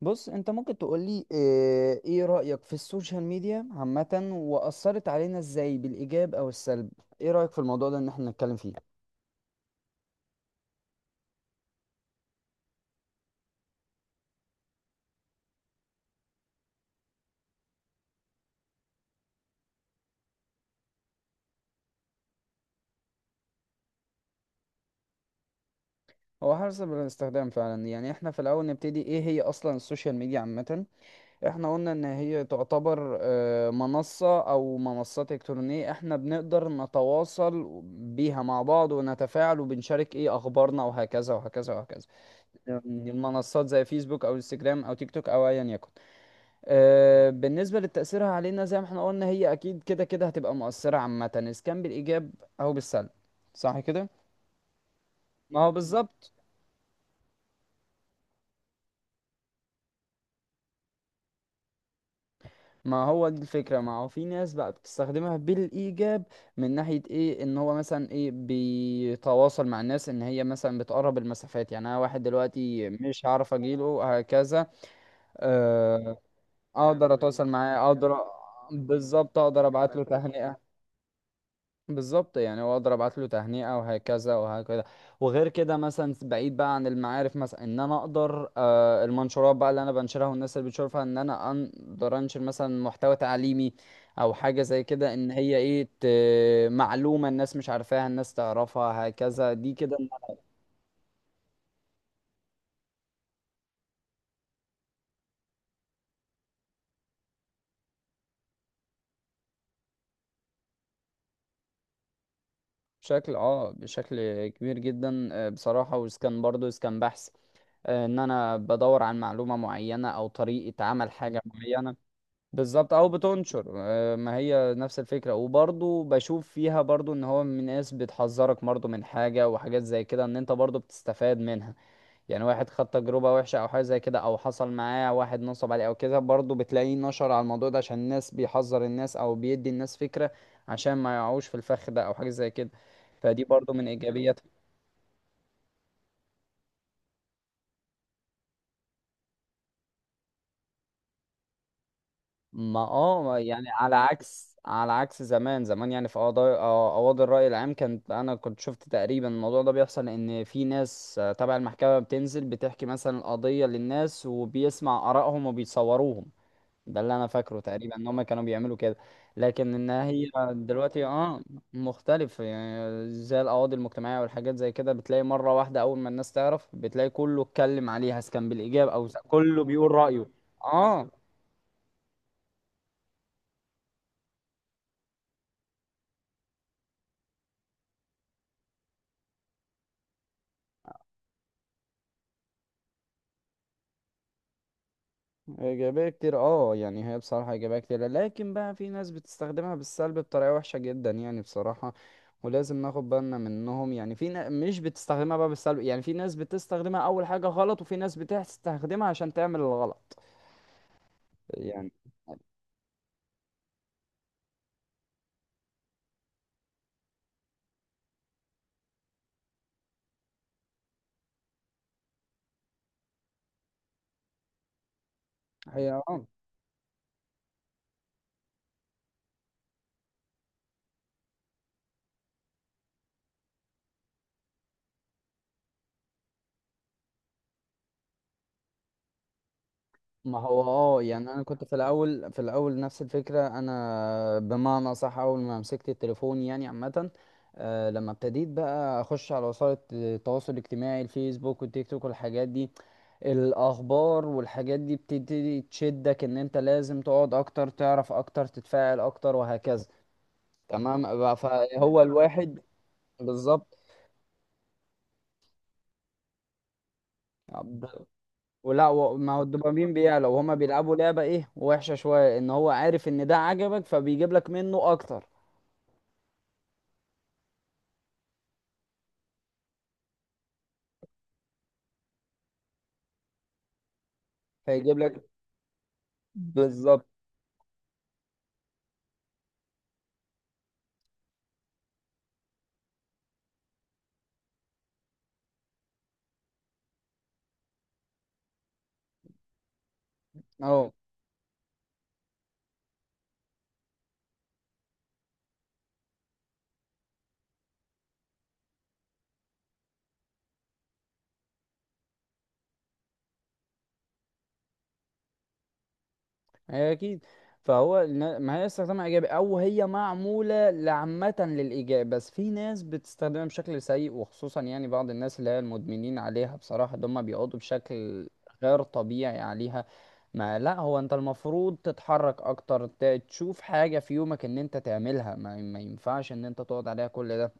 بص انت ممكن تقولي ايه رأيك في السوشيال ميديا عامة، وأثرت علينا ازاي بالإيجاب او السلب؟ ايه رأيك في الموضوع ده ان احنا نتكلم فيه؟ هو حسب الاستخدام فعلا. يعني احنا في الأول نبتدي ايه هي أصلا السوشيال ميديا عامة. احنا قلنا ان هي تعتبر منصة او منصات إلكترونية احنا بنقدر نتواصل بيها مع بعض ونتفاعل وبنشارك ايه أخبارنا وهكذا وهكذا وهكذا. يعني المنصات زي فيسبوك او انستجرام او تيك توك او ايا يكن. بالنسبة لتأثيرها علينا زي ما احنا قلنا هي أكيد كده كده هتبقى مؤثرة عامة، إذا كان بالإيجاب أو بالسلب، صح كده؟ ما هو بالظبط. ما هو دي الفكرة، ما هو في ناس بقى بتستخدمها بالإيجاب من ناحية إيه، إن هو مثلا إيه بيتواصل مع الناس، إن هي مثلا بتقرب المسافات. يعني أنا واحد دلوقتي مش هعرف أجيله هكذا، آه، أقدر أتواصل معاه، أقدر، بالظبط، أقدر أبعت له تهنئة. بالظبط، يعني هو اقدر ابعت له تهنئه وهكذا وهكذا. وغير كده مثلا بعيد بقى عن المعارف، مثلا ان انا اقدر المنشورات بقى اللي انا بنشرها والناس اللي بتشوفها، ان انا اقدر انشر مثلا محتوى تعليمي او حاجه زي كده، ان هي ايه معلومه الناس مش عارفاها الناس تعرفها هكذا دي كده. بشكل كبير جدا، بصراحه. وإذا برضه إذا بحث، ان انا بدور عن معلومه معينه او طريقه عمل حاجه معينه، بالظبط، او بتنشر. ما هي نفس الفكره. وبرضو بشوف فيها برضو ان هو من ناس بتحذرك برضو من حاجه وحاجات زي كده، ان انت برضو بتستفاد منها. يعني واحد خد تجربه وحشه او حاجه زي كده، او حصل معاه واحد نصب عليه او كده، برضو بتلاقيه نشر على الموضوع ده عشان الناس، بيحذر الناس او بيدي الناس فكره عشان ما يقعوش في الفخ ده او حاجه زي كده. فدي برضو من ايجابيات. ما يعني على عكس، على عكس زمان. زمان يعني في قضايا، قواضي الرأي العام، كانت انا كنت شفت تقريبا الموضوع ده بيحصل ان في ناس تبع المحكمة بتنزل بتحكي مثلا القضية للناس وبيسمع آرائهم وبيصوروهم. ده اللي انا فاكره تقريبا ان هم كانوا بيعملوا كده. لكن ان هي دلوقتي اه مختلف. يعني زي القواضي المجتمعية والحاجات زي كده، بتلاقي مرة واحدة اول ما الناس تعرف بتلاقي كله اتكلم عليها سواء كان بالإيجاب او كله بيقول رأيه. اه. إيجابية كتير اه. يعني هي بصراحة إيجابية كتير، لكن بقى في ناس بتستخدمها بالسلب بطريقة وحشة جدا يعني بصراحة، ولازم ناخد بالنا منهم. يعني في مش بتستخدمها بقى بالسلب، يعني في ناس بتستخدمها أول حاجة غلط، وفي ناس بتستخدمها عشان تعمل الغلط. يعني. هي ما هو اه يعني انا كنت في الاول نفس الفكره انا، بمعنى صح اول ما مسكت التليفون يعني عامه، لما ابتديت بقى اخش على وسائل التواصل الاجتماعي، الفيسبوك والتيك توك والحاجات دي، الاخبار والحاجات دي بتبتدي تشدك ان انت لازم تقعد اكتر تعرف اكتر تتفاعل اكتر وهكذا. تمام بقى، فهو الواحد بالظبط. ولا ما هو الدوبامين بيعلى، وهما بيلعبوا لعبة ايه وحشة شوية، ان هو عارف ان ده عجبك فبيجيب لك منه اكتر. فيجيب لك بالظبط. اه. هي اكيد. فهو ما هي استخدامها ايجابي، او هي معموله لعامه للايجاب، بس في ناس بتستخدمها بشكل سيء، وخصوصا يعني بعض الناس اللي هي المدمنين عليها بصراحه، اللي هم بيقعدوا بشكل غير طبيعي عليها. ما لا، هو انت المفروض تتحرك اكتر، تشوف حاجه في يومك ان انت تعملها. ما ينفعش ان انت تقعد عليها كل ده.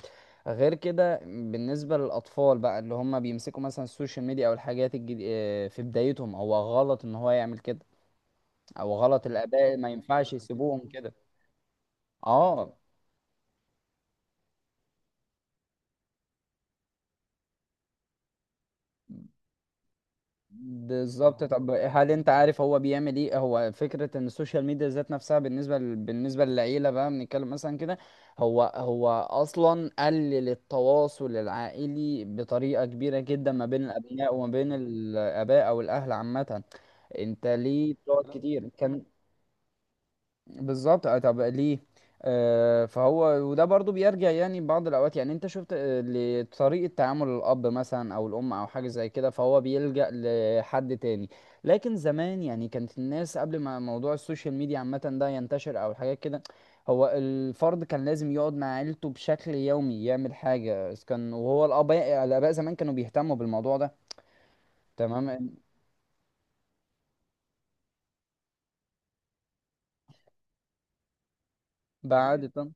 غير كده بالنسبة للأطفال بقى اللي هم بيمسكوا مثلا السوشيال ميديا أو الحاجات الجديدة في بدايتهم، هو غلط إن هو يعمل كده، او غلط الاباء، ما ينفعش يسيبوهم كده. اه. بالظبط. طب هل انت عارف هو بيعمل ايه؟ هو فكره ان السوشيال ميديا ذات نفسها بالنسبه بالنسبه للعيله بقى، بنتكلم مثلا كده، هو هو اصلا قلل التواصل العائلي بطريقه كبيره جدا ما بين الابناء وما بين الاباء او الاهل عامه. انت ليه بتقعد كتير كان. بالظبط. طب ليه؟ فهو، وده برضو بيرجع يعني بعض الاوقات، يعني انت شفت لطريقة تعامل الاب مثلا او الام او حاجة زي كده، فهو بيلجأ لحد تاني. لكن زمان، يعني كانت الناس قبل ما موضوع السوشيال ميديا عامة ده ينتشر او حاجات كده، هو الفرد كان لازم يقعد مع عيلته بشكل يومي يعمل حاجة إذا كان. وهو الاباء، الاباء زمان كانوا بيهتموا بالموضوع ده. تمام. بعد طبعا.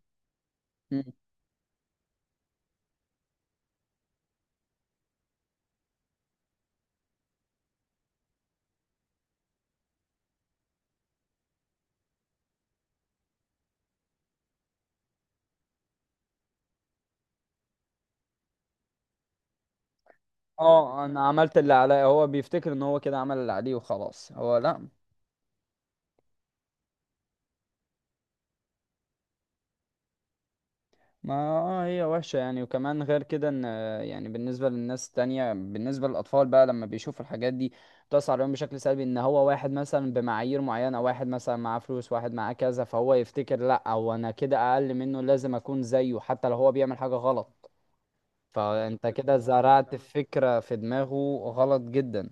اه، انا عملت اللي عليا، هو بيفتكر ان هو كده عمل اللي عليه وخلاص. هو لا. ما هي وحشة يعني. وكمان غير كده ان، يعني بالنسبة للناس التانية، بالنسبة للأطفال بقى لما بيشوف الحاجات دي بتأثر عليهم بشكل سلبي، ان هو واحد مثلا بمعايير معينة، واحد مثلا معاه فلوس، واحد معاه كذا، فهو يفتكر لا، هو انا كده أقل منه لازم أكون زيه حتى لو هو بيعمل حاجة غلط. فأنت كده زرعت فكرة في دماغه غلط جدا.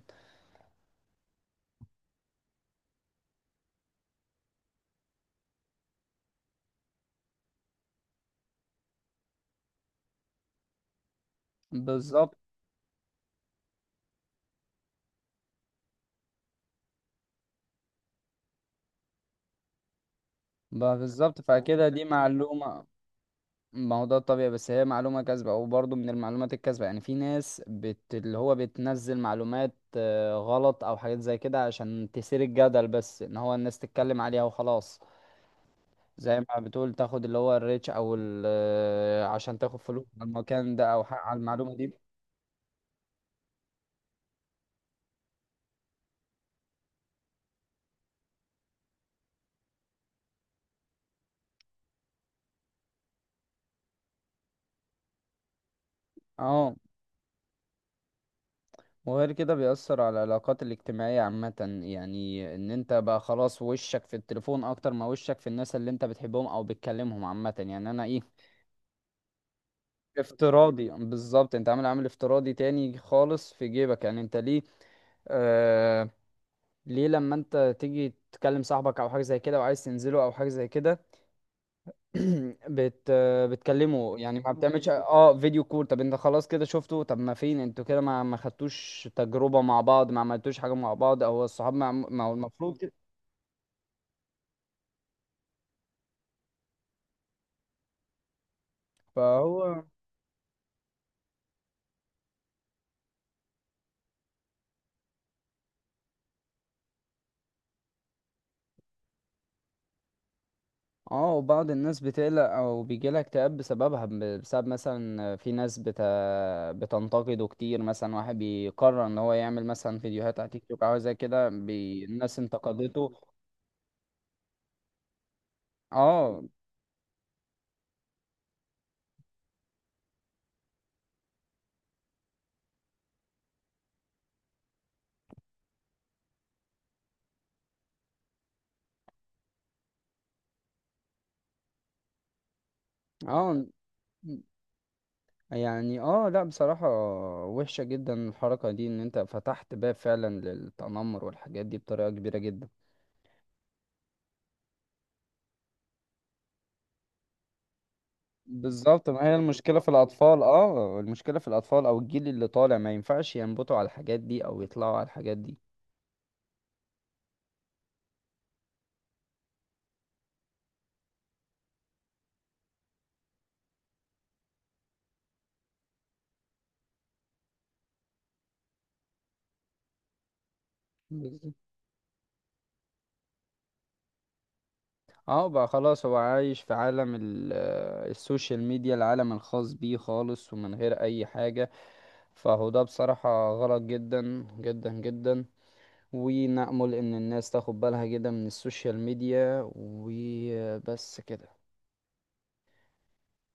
بالظبط. بقى بالظبط، فكده دي معلومة. ما هو ده الطبيعي، بس هي معلومة كاذبة، او برضه من المعلومات الكاذبة. يعني في ناس اللي هو بتنزل معلومات غلط او حاجات زي كده عشان تثير الجدل بس، ان هو الناس تتكلم عليها وخلاص. زي ما بتقول تاخد اللي هو الريتش او ال... آه، عشان تاخد فلوس على المكان ده او حق على المعلومة دي. اه. وغير كده بيأثر على العلاقات الاجتماعية عامة. يعني ان انت بقى خلاص وشك في التليفون اكتر ما وشك في الناس اللي انت بتحبهم او بتكلمهم عامة. يعني انا ايه، افتراضي بالظبط، انت عامل افتراضي تاني خالص في جيبك. يعني انت ليه؟ آه ليه لما انت تيجي تكلم صاحبك او حاجه زي كده وعايز تنزله او حاجه زي كده، بت آه، بتكلمه يعني، ما بتعملش اه فيديو كول؟ طب انت خلاص كده شفته. طب ما فين انتوا كده؟ ما خدتوش تجربه مع بعض، ما عملتوش حاجه مع بعض او الصحاب؟ ما هو المفروض كده. فهو اه. وبعض الناس بتقلق او بيجيلها اكتئاب بسببها، بسبب مثلا في ناس بتنتقده كتير، مثلا واحد بيقرر ان هو يعمل مثلا فيديوهات على تيك توك او زي كده، الناس انتقدته. اه اه يعني اه لا بصراحة، وحشة جدا الحركة دي ان انت فتحت باب فعلا للتنمر والحاجات دي بطريقة كبيرة جدا. بالظبط. ما هي المشكلة في الأطفال اه، المشكلة في الأطفال أو الجيل اللي طالع ما ينفعش ينبطوا على الحاجات دي أو يطلعوا على الحاجات دي. بالظبط. اه بقى خلاص هو عايش في عالم السوشيال ميديا، العالم الخاص بيه خالص ومن غير اي حاجة. فهو ده بصراحة غلط جدا جدا جدا. ونأمل ان الناس تاخد بالها جدا من السوشيال ميديا، وبس كده.